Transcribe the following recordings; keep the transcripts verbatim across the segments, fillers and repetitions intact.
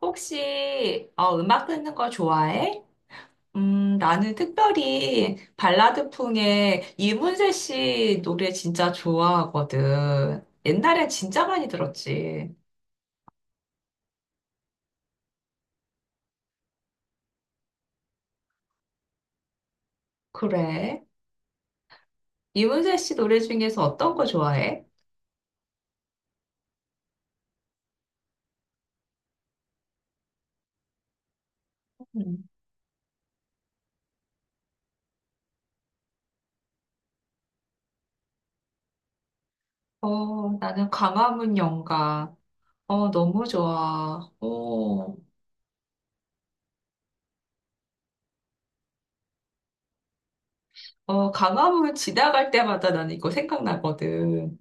혹시 어, 음악 듣는 거 좋아해? 음, 나는 특별히 발라드풍의 이문세 씨 노래 진짜 좋아하거든. 옛날엔 진짜 많이 들었지. 그래. 이문세 씨 노래 중에서 어떤 거 좋아해? 음. 어, 나는 광화문 연가. 어, 너무 좋아. 어, 어, 광화문 지나갈 때마다 나는 이거 생각나거든.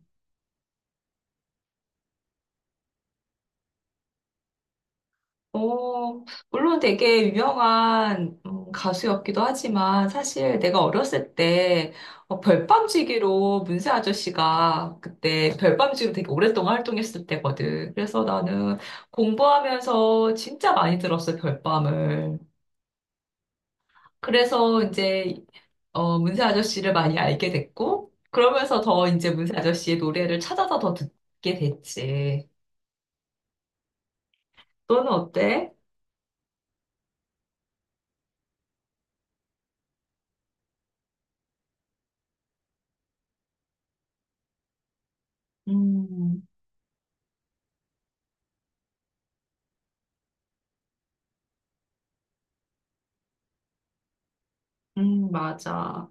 어, 물론 되게 유명한 음, 가수였기도 하지만 사실 내가 어렸을 때 어, 별밤지기로 문세 아저씨가 그때 별밤지기로 되게 오랫동안 활동했을 때거든. 그래서 나는 공부하면서 진짜 많이 들었어, 별밤을. 그래서 이제 어, 문세 아저씨를 많이 알게 됐고 그러면서 더 이제 문세 아저씨의 노래를 찾아서 더 듣게 됐지. 너는 어때? 음, 음, 맞아.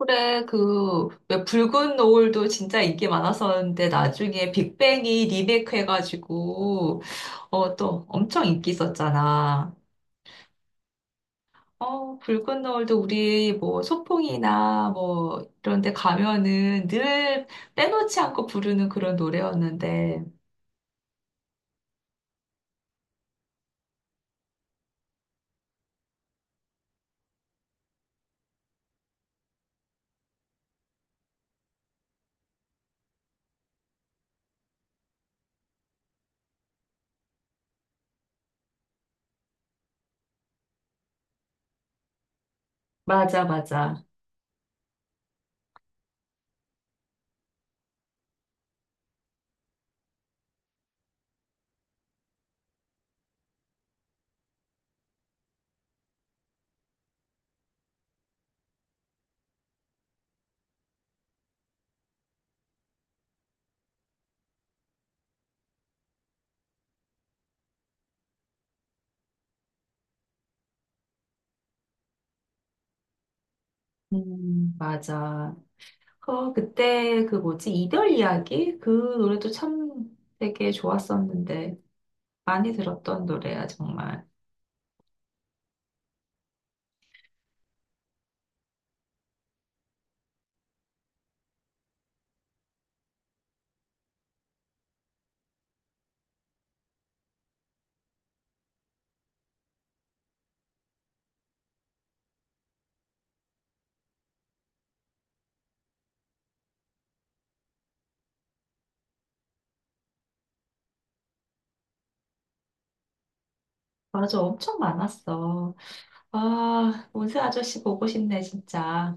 그래, 그, 왜 붉은 노을도 진짜 인기 많았었는데, 나중에 빅뱅이 리메이크해가지고, 어, 또 엄청 인기 있었잖아. 어, 붉은 노을도 우리 뭐 소풍이나 뭐 이런 데 가면은 늘 빼놓지 않고 부르는 그런 노래였는데. 맞아, 맞아. 음, 맞아. 어, 그때 그 뭐지? 이별 이야기? 그 노래도 참 되게 좋았었는데. 많이 들었던 노래야, 정말. 맞아, 엄청 많았어. 아, 운세 아저씨 보고 싶네, 진짜.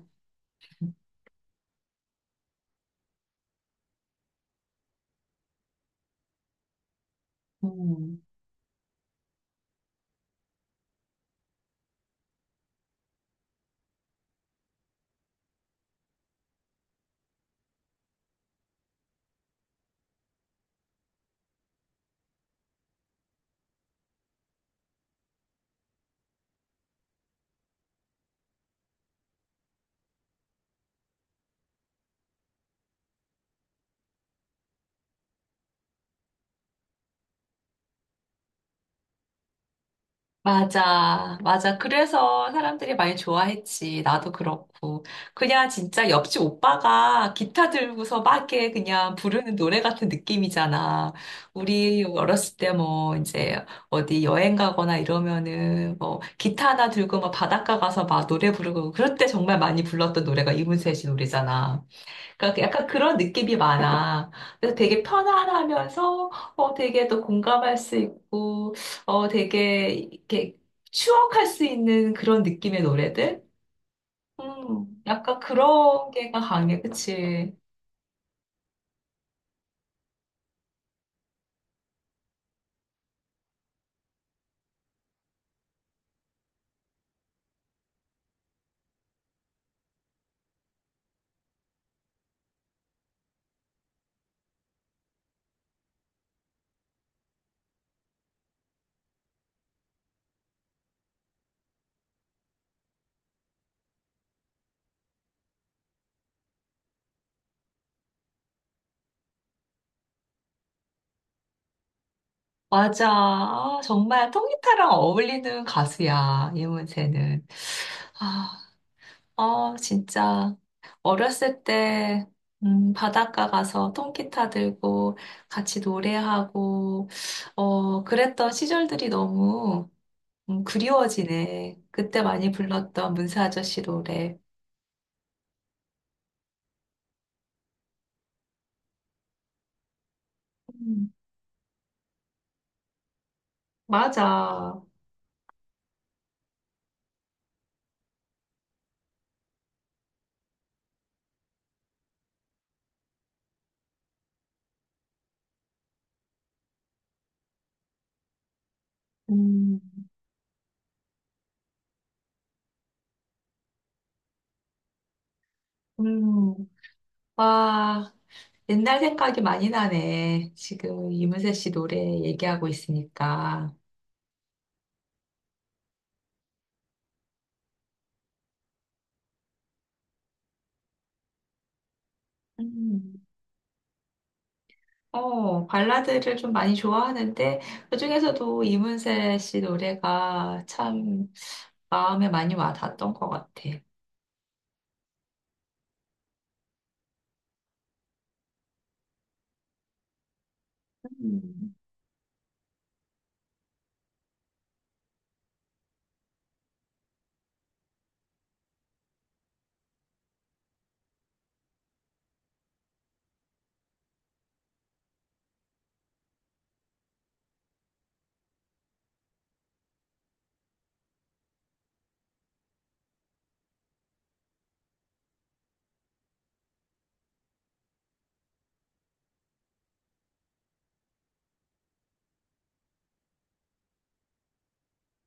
음, 맞아, 맞아. 그래서 사람들이 많이 좋아했지. 나도 그렇고. 그냥 진짜 옆집 오빠가 기타 들고서 막 이렇게 그냥 부르는 노래 같은 느낌이잖아. 우리 어렸을 때 뭐 이제 어디 여행 가거나 이러면은 뭐 기타 하나 들고 막 바닷가 가서 막 노래 부르고 그럴 때 정말 많이 불렀던 노래가 이문세 씨 노래잖아. 그러니까 그 약간 그런 느낌이 많아. 그래서 되게 편안하면서 어 되게 또 공감할 수 있고 어 되게 이렇게 추억할 수 있는 그런 느낌의 노래들? 음, 약간 그런 게가 강해, 그치? 맞아. 아, 정말 통기타랑 어울리는 가수야, 이문세는. 아, 어, 진짜. 어렸을 때, 음, 바닷가 가서 통기타 들고 같이 노래하고, 어, 그랬던 시절들이 너무, 음, 그리워지네. 그때 많이 불렀던 문세 아저씨 노래. 음, 맞아. 음, 음, 와, 옛날 생각이 많이 나네. 지금 이문세 씨 노래 얘기하고 있으니까. 음. 어, 발라드를 좀 많이 좋아하는데, 그중에서도 이문세 씨 노래가 참 마음에 많이 와닿았던 것 같아. 음.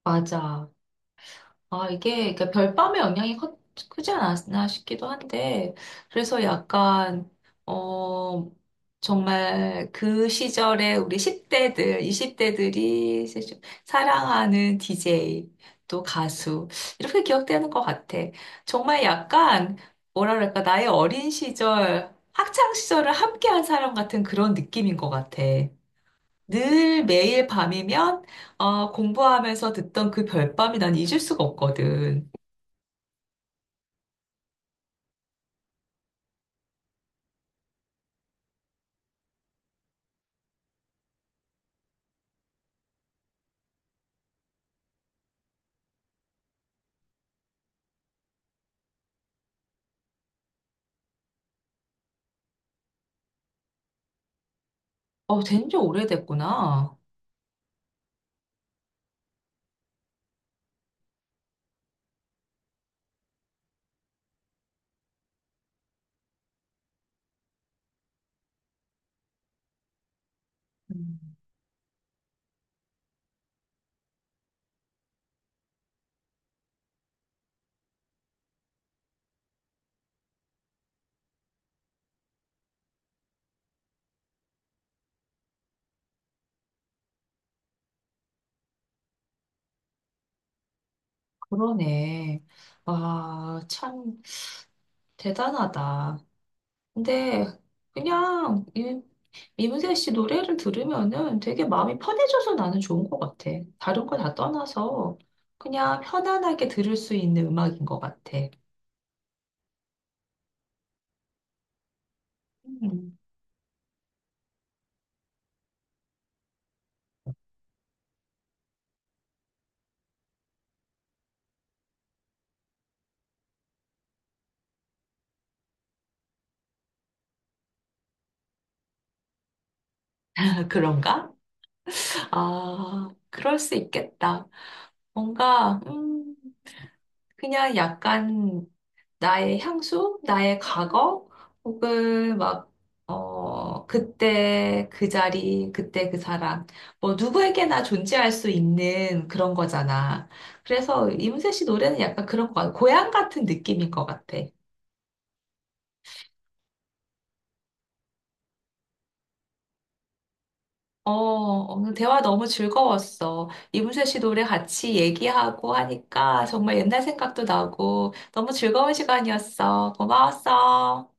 맞아. 아, 이게 그러니까 별밤의 영향이 커, 크지 않았나 싶기도 한데, 그래서 약간, 어, 정말 그 시절에 우리 십 대들, 이십 대들이 사랑하는 디제이, 또 가수, 이렇게 기억되는 것 같아. 정말 약간, 뭐라 그럴까, 나의 어린 시절, 학창 시절을 함께한 사람 같은 그런 느낌인 것 같아. 늘 매일 밤이면 어, 공부하면서 듣던 그 별밤이 난 잊을 수가 없거든. 어, 된지 오래됐구나. 음, 그러네. 와, 참 대단하다. 근데 그냥 이, 이문세 씨 노래를 들으면은 되게 마음이 편해져서 나는 좋은 것 같아. 다른 거 다 떠나서 그냥 편안하게 들을 수 있는 음악인 것 같아. 음, 그런가? 아, 그럴 수 있겠다. 뭔가, 음, 그냥 약간 나의 향수, 나의 과거, 혹은 막, 어, 그때 그 자리, 그때 그 사람, 뭐 누구에게나 존재할 수 있는 그런 거잖아. 그래서 이문세 씨 노래는 약간 그런 거 같아. 고향 같은 느낌인 것 같아. 어, 오늘 대화 너무 즐거웠어. 이문세 씨 노래 같이 얘기하고 하니까 정말 옛날 생각도 나고 너무 즐거운 시간이었어. 고마웠어.